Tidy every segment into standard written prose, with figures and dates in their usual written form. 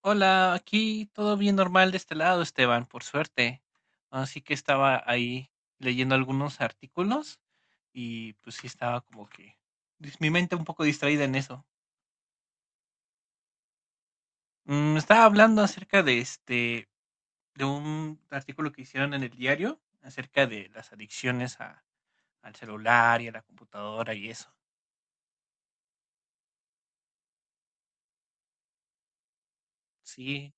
Hola, aquí todo bien normal de este lado, Esteban, por suerte. Así que estaba ahí leyendo algunos artículos y pues sí estaba como que mi mente un poco distraída en eso. Mm, estaba hablando acerca de este, de un artículo que hicieron en el diario acerca de las adicciones al celular y a la computadora y eso. Sí.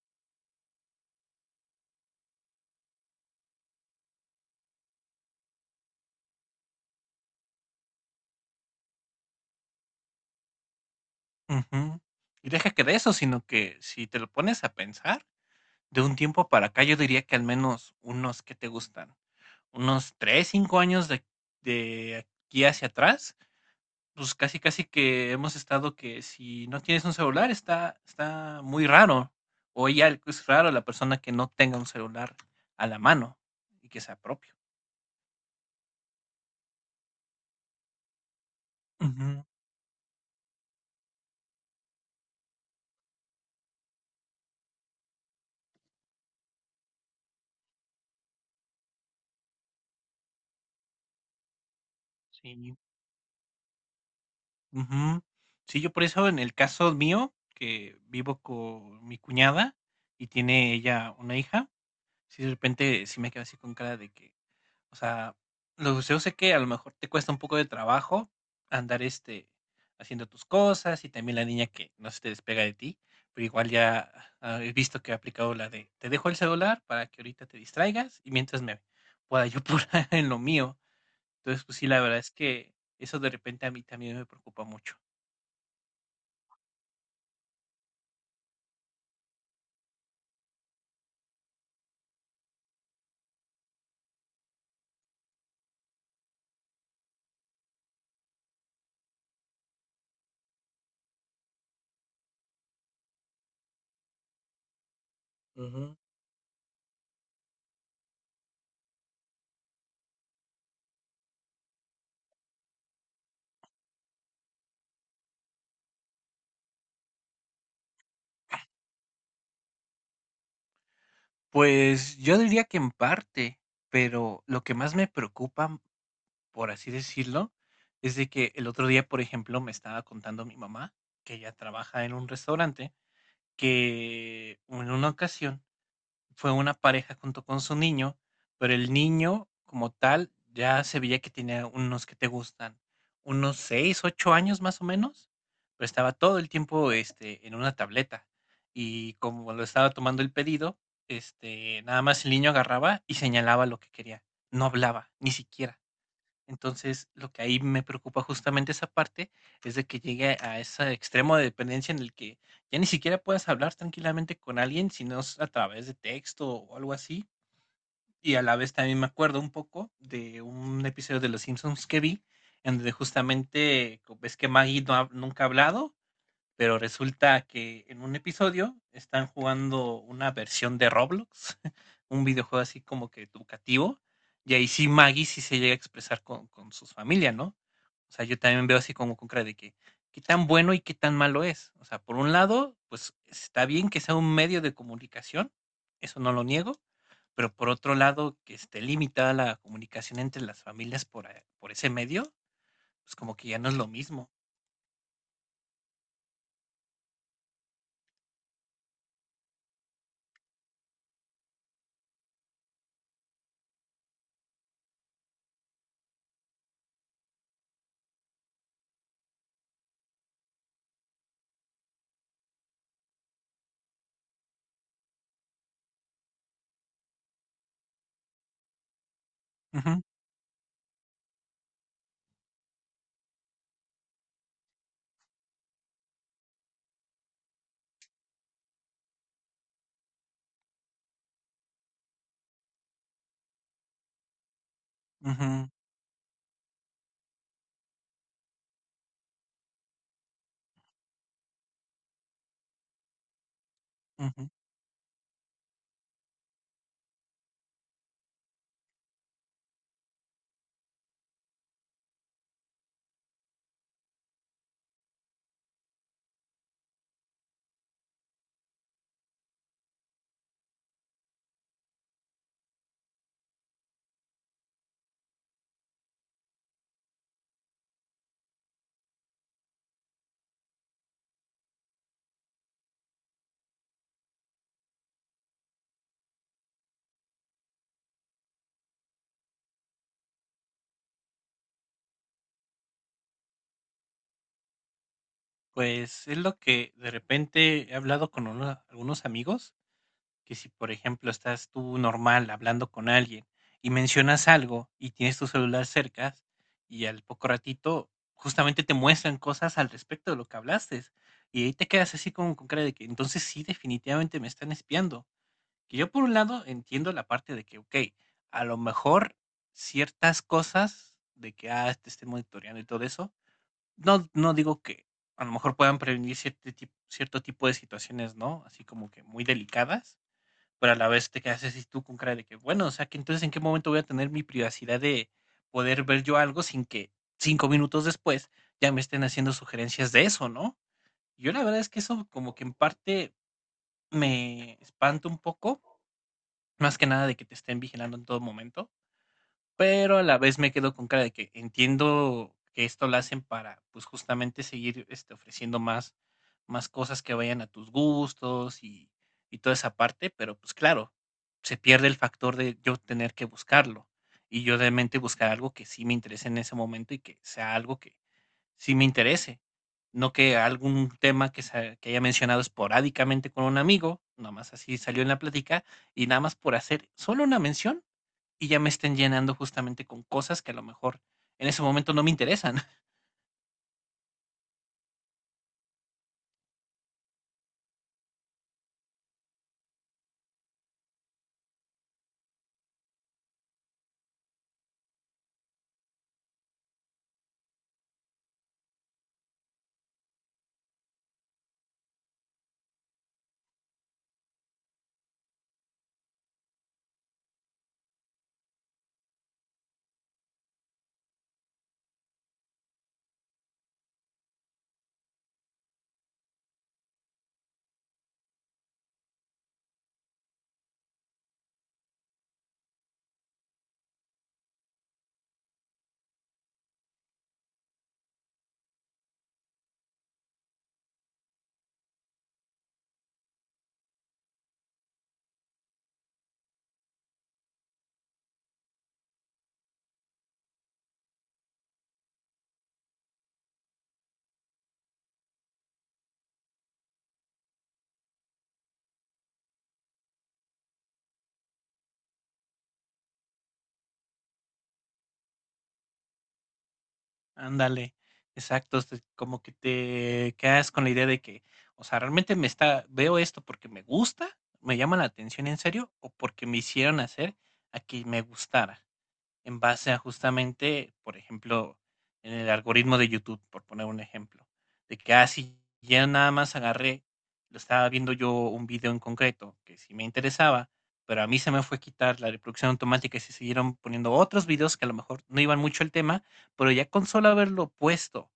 Ujú. Y deja que de eso, sino que si te lo pones a pensar, de un tiempo para acá yo diría que al menos unos que te gustan. Unos 3 5 años de aquí hacia atrás, pues, casi, casi que hemos estado que si no tienes un celular está muy raro, o ya es raro la persona que no tenga un celular a la mano y que sea propio. Ujú, sí, ujú. Sí, yo por eso en el caso mío, que vivo con mi cuñada y tiene ella una hija, si de repente sí me quedo así con cara de que, o sea, los museos sé que a lo mejor te cuesta un poco de trabajo andar, este, haciendo tus cosas y también la niña que no se te despega de ti, pero igual ya ah, he visto que ha aplicado la de te dejo el celular para que ahorita te distraigas y mientras me pueda yo apurar en lo mío. Entonces, pues sí, la verdad es que eso de repente a mí también me preocupa mucho. Ujú. Pues yo diría que en parte, pero lo que más me preocupa por así decirlo, es de que el otro día, por ejemplo, me estaba contando mi mamá, que ella trabaja en un restaurante, que en una ocasión fue una pareja junto con su niño, pero el niño como tal ya se veía que tenía unos que te gustan, unos 6 8 años más o menos, pero estaba todo el tiempo, este, en una tableta. Y como lo estaba tomando el pedido, este, nada más el niño agarraba y señalaba lo que quería. No hablaba, ni siquiera. Entonces, lo que ahí me preocupa justamente esa parte es de que llegue a ese extremo de dependencia en el que ya ni siquiera puedas hablar tranquilamente con alguien, sino es a través de texto o algo así. Y a la vez también me acuerdo un poco de un episodio de Los Simpsons que vi, en donde justamente ves que Maggie nunca ha hablado, pero resulta que en un episodio están jugando una versión de Roblox, un videojuego así como que educativo, y ahí sí Maggie sí se llega a expresar con sus familias, ¿no? O sea, yo también veo así como con cara de que qué tan bueno y qué tan malo es. O sea, por un lado, pues está bien que sea un medio de comunicación, eso no lo niego, pero por otro lado, que esté limitada la comunicación entre las familias por ese medio, pues como que ya no es lo mismo. Ujú, ujú, ujú. Pues, es lo que de repente he hablado con una algunos amigos, que si, por ejemplo, estás tú normal hablando con alguien y mencionas algo y tienes tu celular cerca, y al poco ratito justamente te muestran cosas al respecto de lo que hablaste, y ahí te quedas así como con cara de que entonces sí, definitivamente me están espiando. Que yo por un lado entiendo la parte de que, okey, a lo mejor ciertas cosas de que, ah, te estén monitoreando y todo eso, no digo que a lo mejor puedan prevenir cierte tip cierto tipo de situaciones, ¿no? Así como que muy delicadas, pero a la vez te quedas así tú con cara de que, bueno, o sea, que entonces, ¿en qué momento voy a tener mi privacidad de poder ver yo algo sin que 5 minutos después ya me estén haciendo sugerencias de eso, no? Yo la verdad es que eso como que en parte me espanta un poco, más que nada de que te estén vigilando en todo momento, pero a la vez me quedo con cara de que entiendo que esto lo hacen para, pues, justamente seguir, este, ofreciendo más más cosas que vayan a tus gustos y toda esa parte, pero, pues, claro, se pierde el factor de yo tener que buscarlo, y yo realmente buscar algo que sí me interese en ese momento y que sea algo que sí me interese, no que algún tema que se que haya mencionado esporádicamente con un amigo, nada más así salió en la plática, y nada más por hacer solo una mención, y ya me estén llenando justamente con cosas que a lo mejor en ese momento no me interesan. Ándale, exacto, este, como que te quedas con la idea de que, o sea, realmente me está, veo esto porque me gusta, me llama la atención en serio, o porque me hicieron hacer a que me gustara. En base a justamente, por ejemplo, en el algoritmo de YouTube, por poner un ejemplo, de que, así ya nada más agarré, lo estaba viendo yo un video en concreto que sí me interesaba, pero a mí se me fue quitar la reproducción automática y se siguieron poniendo otros videos que a lo mejor no iban mucho al tema, pero ya con solo haberlo puesto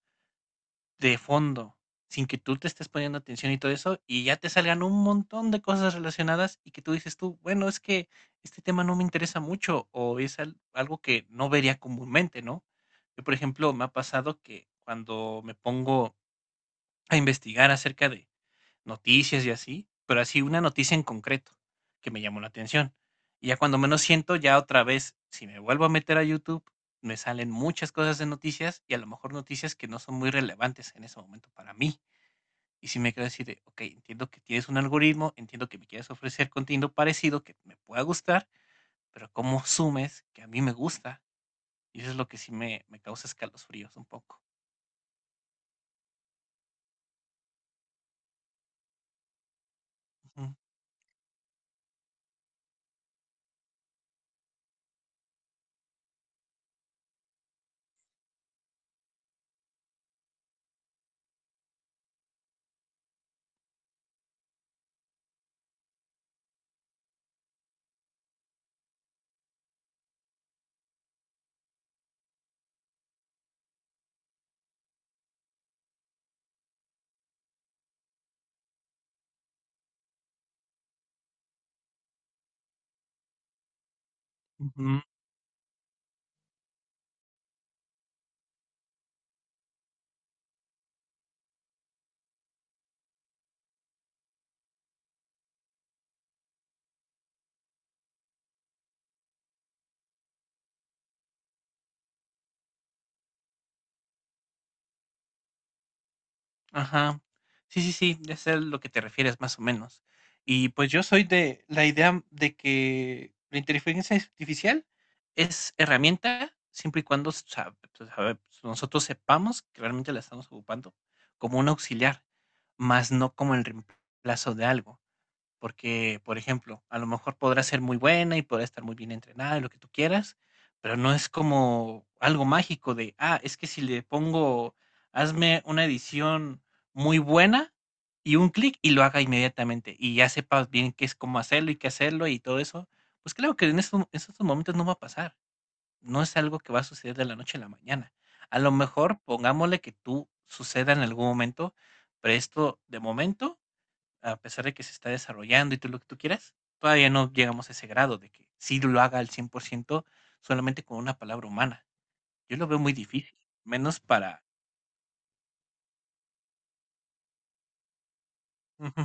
de fondo, sin que tú te estés poniendo atención y todo eso, y ya te salgan un montón de cosas relacionadas y que tú dices tú, bueno, es que este tema no me interesa mucho o es algo que no vería comúnmente, ¿no? Yo, por ejemplo, me ha pasado que cuando me pongo a investigar acerca de noticias y así, pero así una noticia en concreto que me llamó la atención. Y ya cuando menos siento, ya otra vez, si me vuelvo a meter a YouTube, me salen muchas cosas de noticias y a lo mejor noticias que no son muy relevantes en ese momento para mí. Y si me quedo así de, ok, entiendo que tienes un algoritmo, entiendo que me quieres ofrecer contenido parecido que me pueda gustar, pero ¿cómo sumes que a mí me gusta? Y eso es lo que sí me causa escalofríos un poco. Ujú. Ujú. Ajá. Sí, sí, sí, ya sé a lo que te refieres más o menos. Y pues yo soy de la idea de que la inteligencia artificial es herramienta siempre y cuando pues, nosotros sepamos que realmente la estamos ocupando como un auxiliar, más no como el reemplazo de algo. Porque, por ejemplo, a lo mejor podrá ser muy buena y podrá estar muy bien entrenada y lo que tú quieras, pero no es como algo mágico de, ah, es que si le pongo, hazme una edición muy buena y un clic y lo haga inmediatamente y ya sepas bien qué es cómo hacerlo y qué hacerlo y todo eso. Pues claro que en estos momentos no va a pasar. No es algo que va a suceder de la noche a la mañana. A lo mejor pongámosle que tú suceda en algún momento, pero esto de momento a pesar de que se está desarrollando y todo lo que tú quieras, todavía no llegamos a ese grado de que sí lo haga al 100% solamente con una palabra humana. Yo lo veo muy difícil, menos para... Ujú,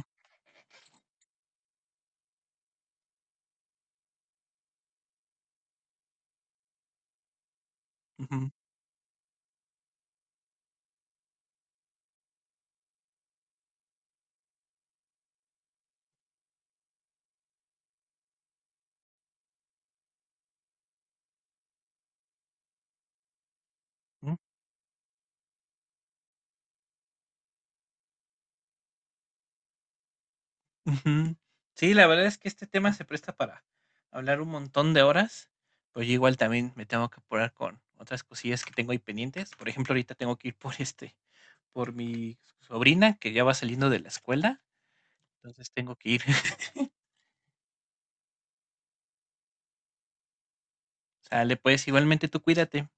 ujú, ujú, ujú. Sí, la verdad es que este tema se presta para hablar un montón de horas, pero yo igual también me tengo que apurar con otras cosillas que tengo ahí pendientes. Por ejemplo, ahorita tengo que ir por este, por mi sobrina que ya va saliendo de la escuela, entonces tengo que ir. Sale, pues igualmente tú cuídate.